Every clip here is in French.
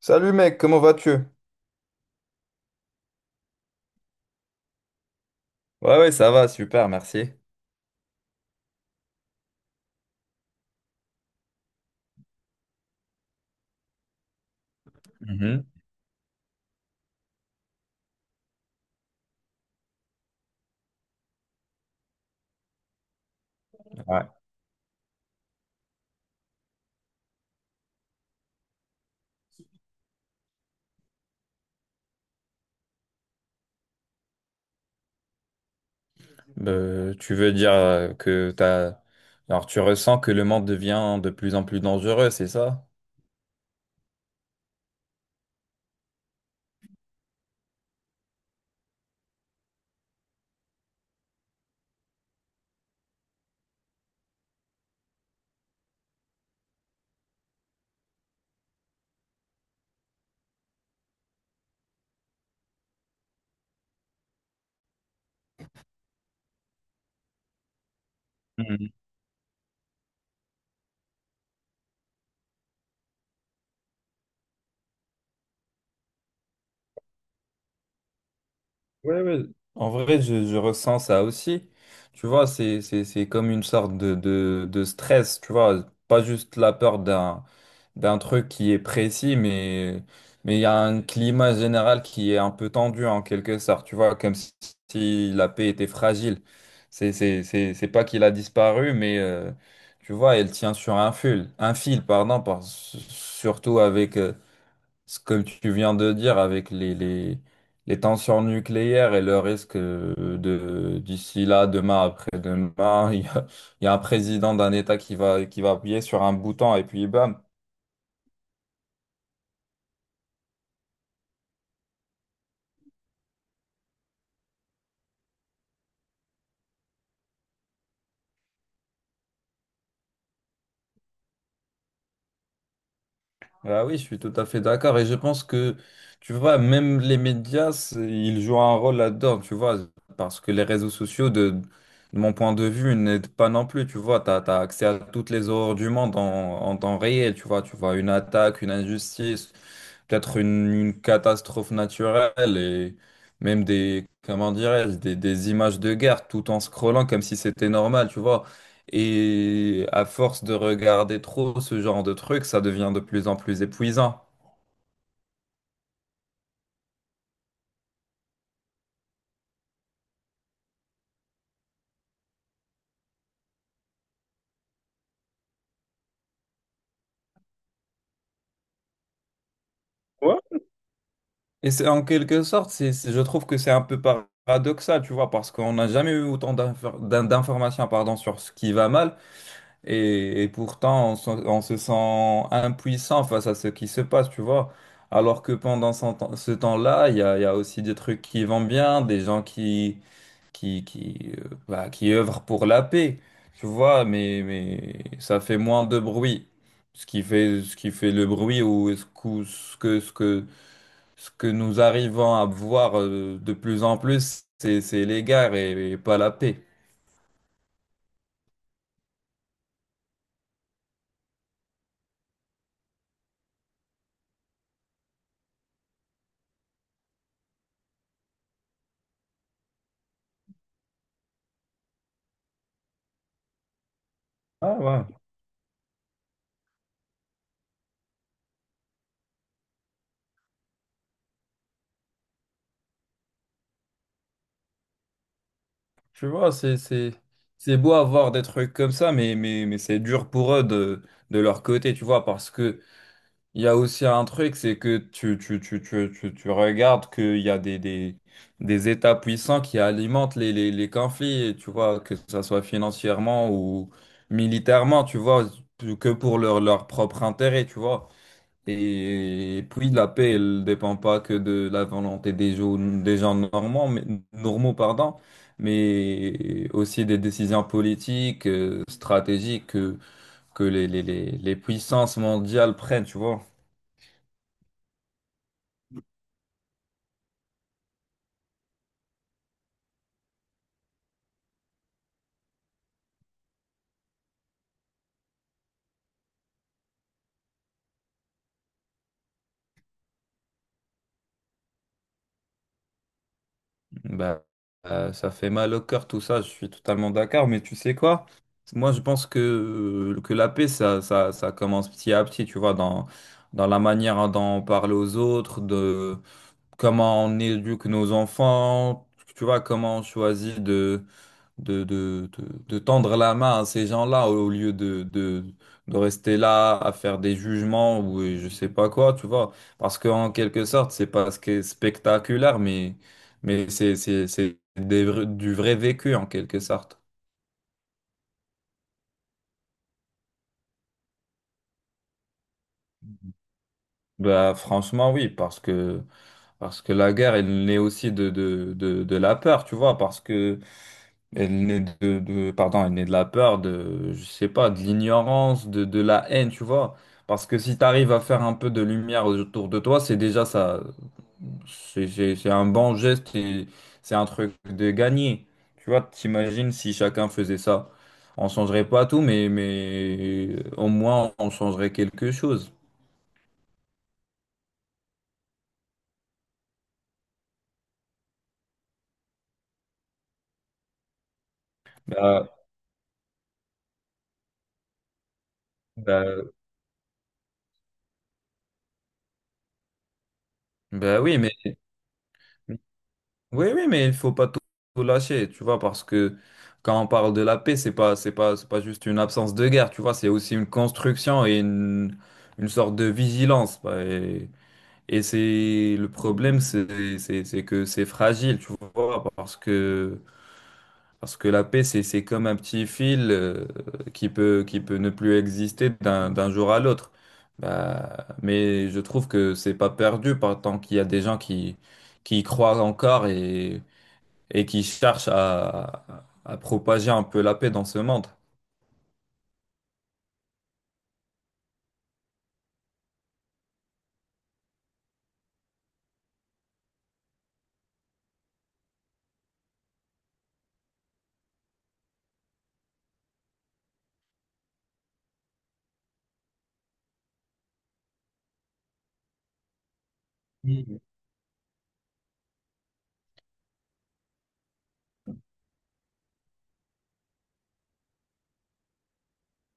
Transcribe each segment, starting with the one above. Salut mec, comment vas-tu? Ouais, ouais, ça va, super, merci. Mhm, ouais. Tu veux dire que Alors, tu ressens que le monde devient de plus en plus dangereux, c'est ça? Ouais, ouais. En vrai, je ressens ça aussi. Tu vois, c'est comme une sorte de stress, tu vois. Pas juste la peur d'un truc qui est précis, mais il y a un climat général qui est un peu tendu en quelque sorte, tu vois, comme si la paix était fragile. C'est pas qu'il a disparu, mais tu vois, elle tient sur un fil, pardon, surtout avec ce que tu viens de dire avec les tensions nucléaires et le risque de d'ici là, demain, après-demain, il y a un président d'un État qui va appuyer sur un bouton et puis bam. Ah oui, je suis tout à fait d'accord et je pense que tu vois, même les médias, ils jouent un rôle là-dedans, tu vois, parce que les réseaux sociaux de mon point de vue, n'aident pas non plus, tu vois, t'as accès à toutes les horreurs du monde en temps réel, tu vois une attaque, une injustice, peut-être une catastrophe naturelle et même des, comment dirais-je, des images de guerre tout en scrollant comme si c'était normal, tu vois. Et à force de regarder trop ce genre de trucs, ça devient de plus en plus épuisant. Ouais, et c'est en quelque sorte, je trouve que c'est un peu paradoxal, tu vois, parce qu'on n'a jamais eu autant d'informations, pardon, sur ce qui va mal. Et pourtant, on se sent impuissant face à ce qui se passe, tu vois. Alors que pendant ce temps-là, il y a aussi des trucs qui vont bien, des gens qui, qui œuvrent pour la paix, tu vois, mais ça fait moins de bruit. Ce qui fait le bruit ou ce que nous arrivons à voir de plus en plus, c'est les guerres et pas la paix. Ah ouais. Tu vois, c'est beau avoir des trucs comme ça, mais c'est dur pour eux de leur côté, tu vois, parce que il y a aussi un truc, c'est que tu regardes qu'il y a des États puissants qui alimentent les conflits, tu vois, que ça soit financièrement ou militairement, tu vois, que pour leur, leur propre intérêt, tu vois. Et puis la paix, elle ne dépend pas que de la volonté des gens normands, mais, normaux, pardon, mais aussi des décisions politiques, stratégiques que les puissances mondiales prennent, tu vois. Bah, Ça fait mal au cœur tout ça, je suis totalement d'accord, mais tu sais quoi? Moi, je pense que la paix, ça commence petit à petit, tu vois, dans, dans la manière dont on parle aux autres, de comment on éduque nos enfants, tu vois, comment on choisit de tendre la main à ces gens-là au lieu de rester là à faire des jugements ou je sais pas quoi, tu vois. Parce qu'en quelque sorte, c'est pas ce qui est spectaculaire, mais c'est du vrai vécu en quelque sorte. Bah, franchement, oui, parce que la guerre, elle naît aussi de la peur, tu vois, parce que elle naît pardon, elle naît de la peur, de, je sais pas, de l'ignorance, de la haine, tu vois. Parce que si tu arrives à faire un peu de lumière autour de toi, c'est déjà ça, c'est un bon geste et c'est un truc de gagné. Tu vois, t'imagines si chacun faisait ça. On changerait pas tout, mais au moins on changerait quelque chose. Bah, bah, Bah oui, mais. Oui, oui, mais il faut pas tout lâcher, tu vois, parce que quand on parle de la paix, c'est pas juste une absence de guerre, tu vois, c'est aussi une construction et une sorte de vigilance. Et c'est le problème, c'est que c'est fragile, tu vois, parce que la paix, c'est comme un petit fil qui peut ne plus exister d'un jour à l'autre. Bah, mais je trouve que c'est pas perdu par tant qu'il y a des gens qui y croient encore et qui cherchent à propager un peu la paix dans ce monde. Mm.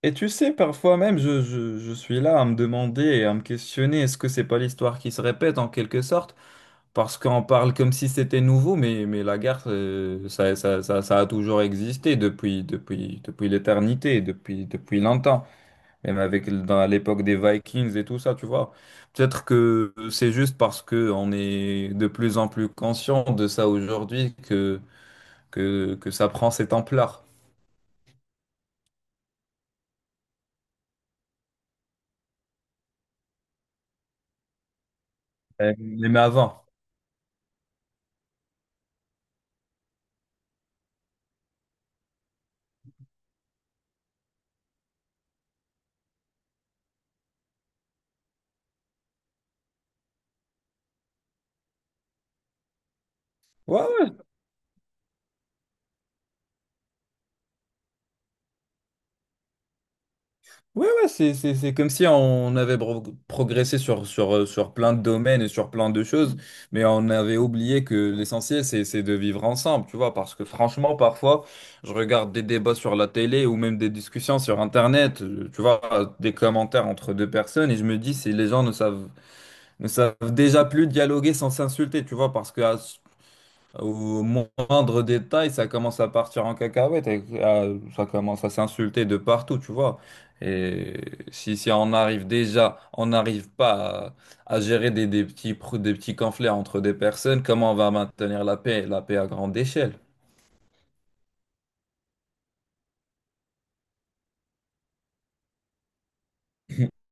Et tu sais, parfois même, je suis là à me demander et à me questionner, est-ce que c'est pas l'histoire qui se répète en quelque sorte? Parce qu'on parle comme si c'était nouveau, mais la guerre, ça a toujours existé depuis l'éternité, depuis longtemps. Même avec, dans l'époque des Vikings et tout ça, tu vois. Peut-être que c'est juste parce que on est de plus en plus conscient de ça aujourd'hui que ça prend ces Templars. Même avant. Ouais, ouais, ouais, c'est comme si on avait progressé sur, sur plein de domaines et sur plein de choses, mais on avait oublié que l'essentiel, c'est de vivre ensemble, tu vois, parce que franchement, parfois, je regarde des débats sur la télé ou même des discussions sur Internet, tu vois, des commentaires entre deux personnes, et je me dis, si les gens ne savent déjà plus dialoguer sans s'insulter, tu vois, parce que à au moindre détail, ça commence à partir en cacahuète, et ça commence à s'insulter de partout, tu vois. Et si, si on arrive déjà, on n'arrive pas à, à gérer des petits, des petits conflits entre des personnes, comment on va maintenir la paix à grande échelle?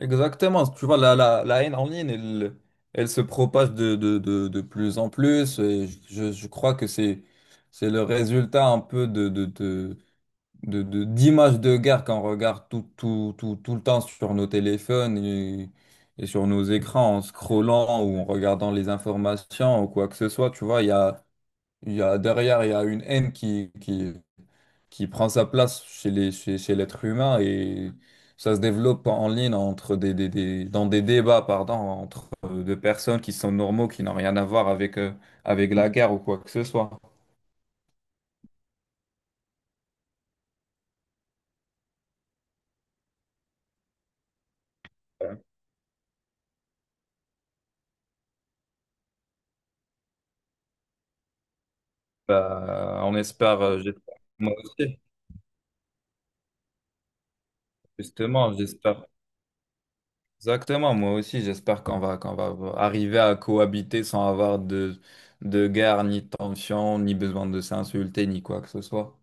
Exactement, tu vois, la haine en ligne, elle, elle se propage de plus en plus. Et je crois que c'est le résultat un peu d'images de guerre qu'on regarde tout le temps sur nos téléphones et sur nos écrans en scrollant ou en regardant les informations ou quoi que ce soit, tu vois, il y a derrière, il y a une haine qui prend sa place chez chez l'être humain et ça se développe en ligne entre dans des débats, pardon, entre deux personnes qui sont normaux, qui n'ont rien à voir avec, avec la guerre ou quoi que ce soit. Bah, on espère, j'espère. Moi aussi. Justement, j'espère. Exactement, moi aussi, j'espère qu'on va arriver à cohabiter sans avoir de guerre, ni de tension, ni besoin de s'insulter, ni quoi que ce soit.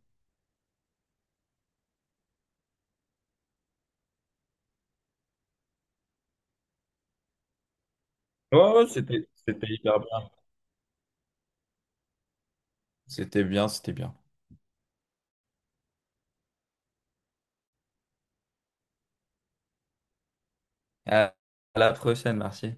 Ouais, ouais, c'était hyper bien. C'était bien, c'était bien. À à la prochaine, merci.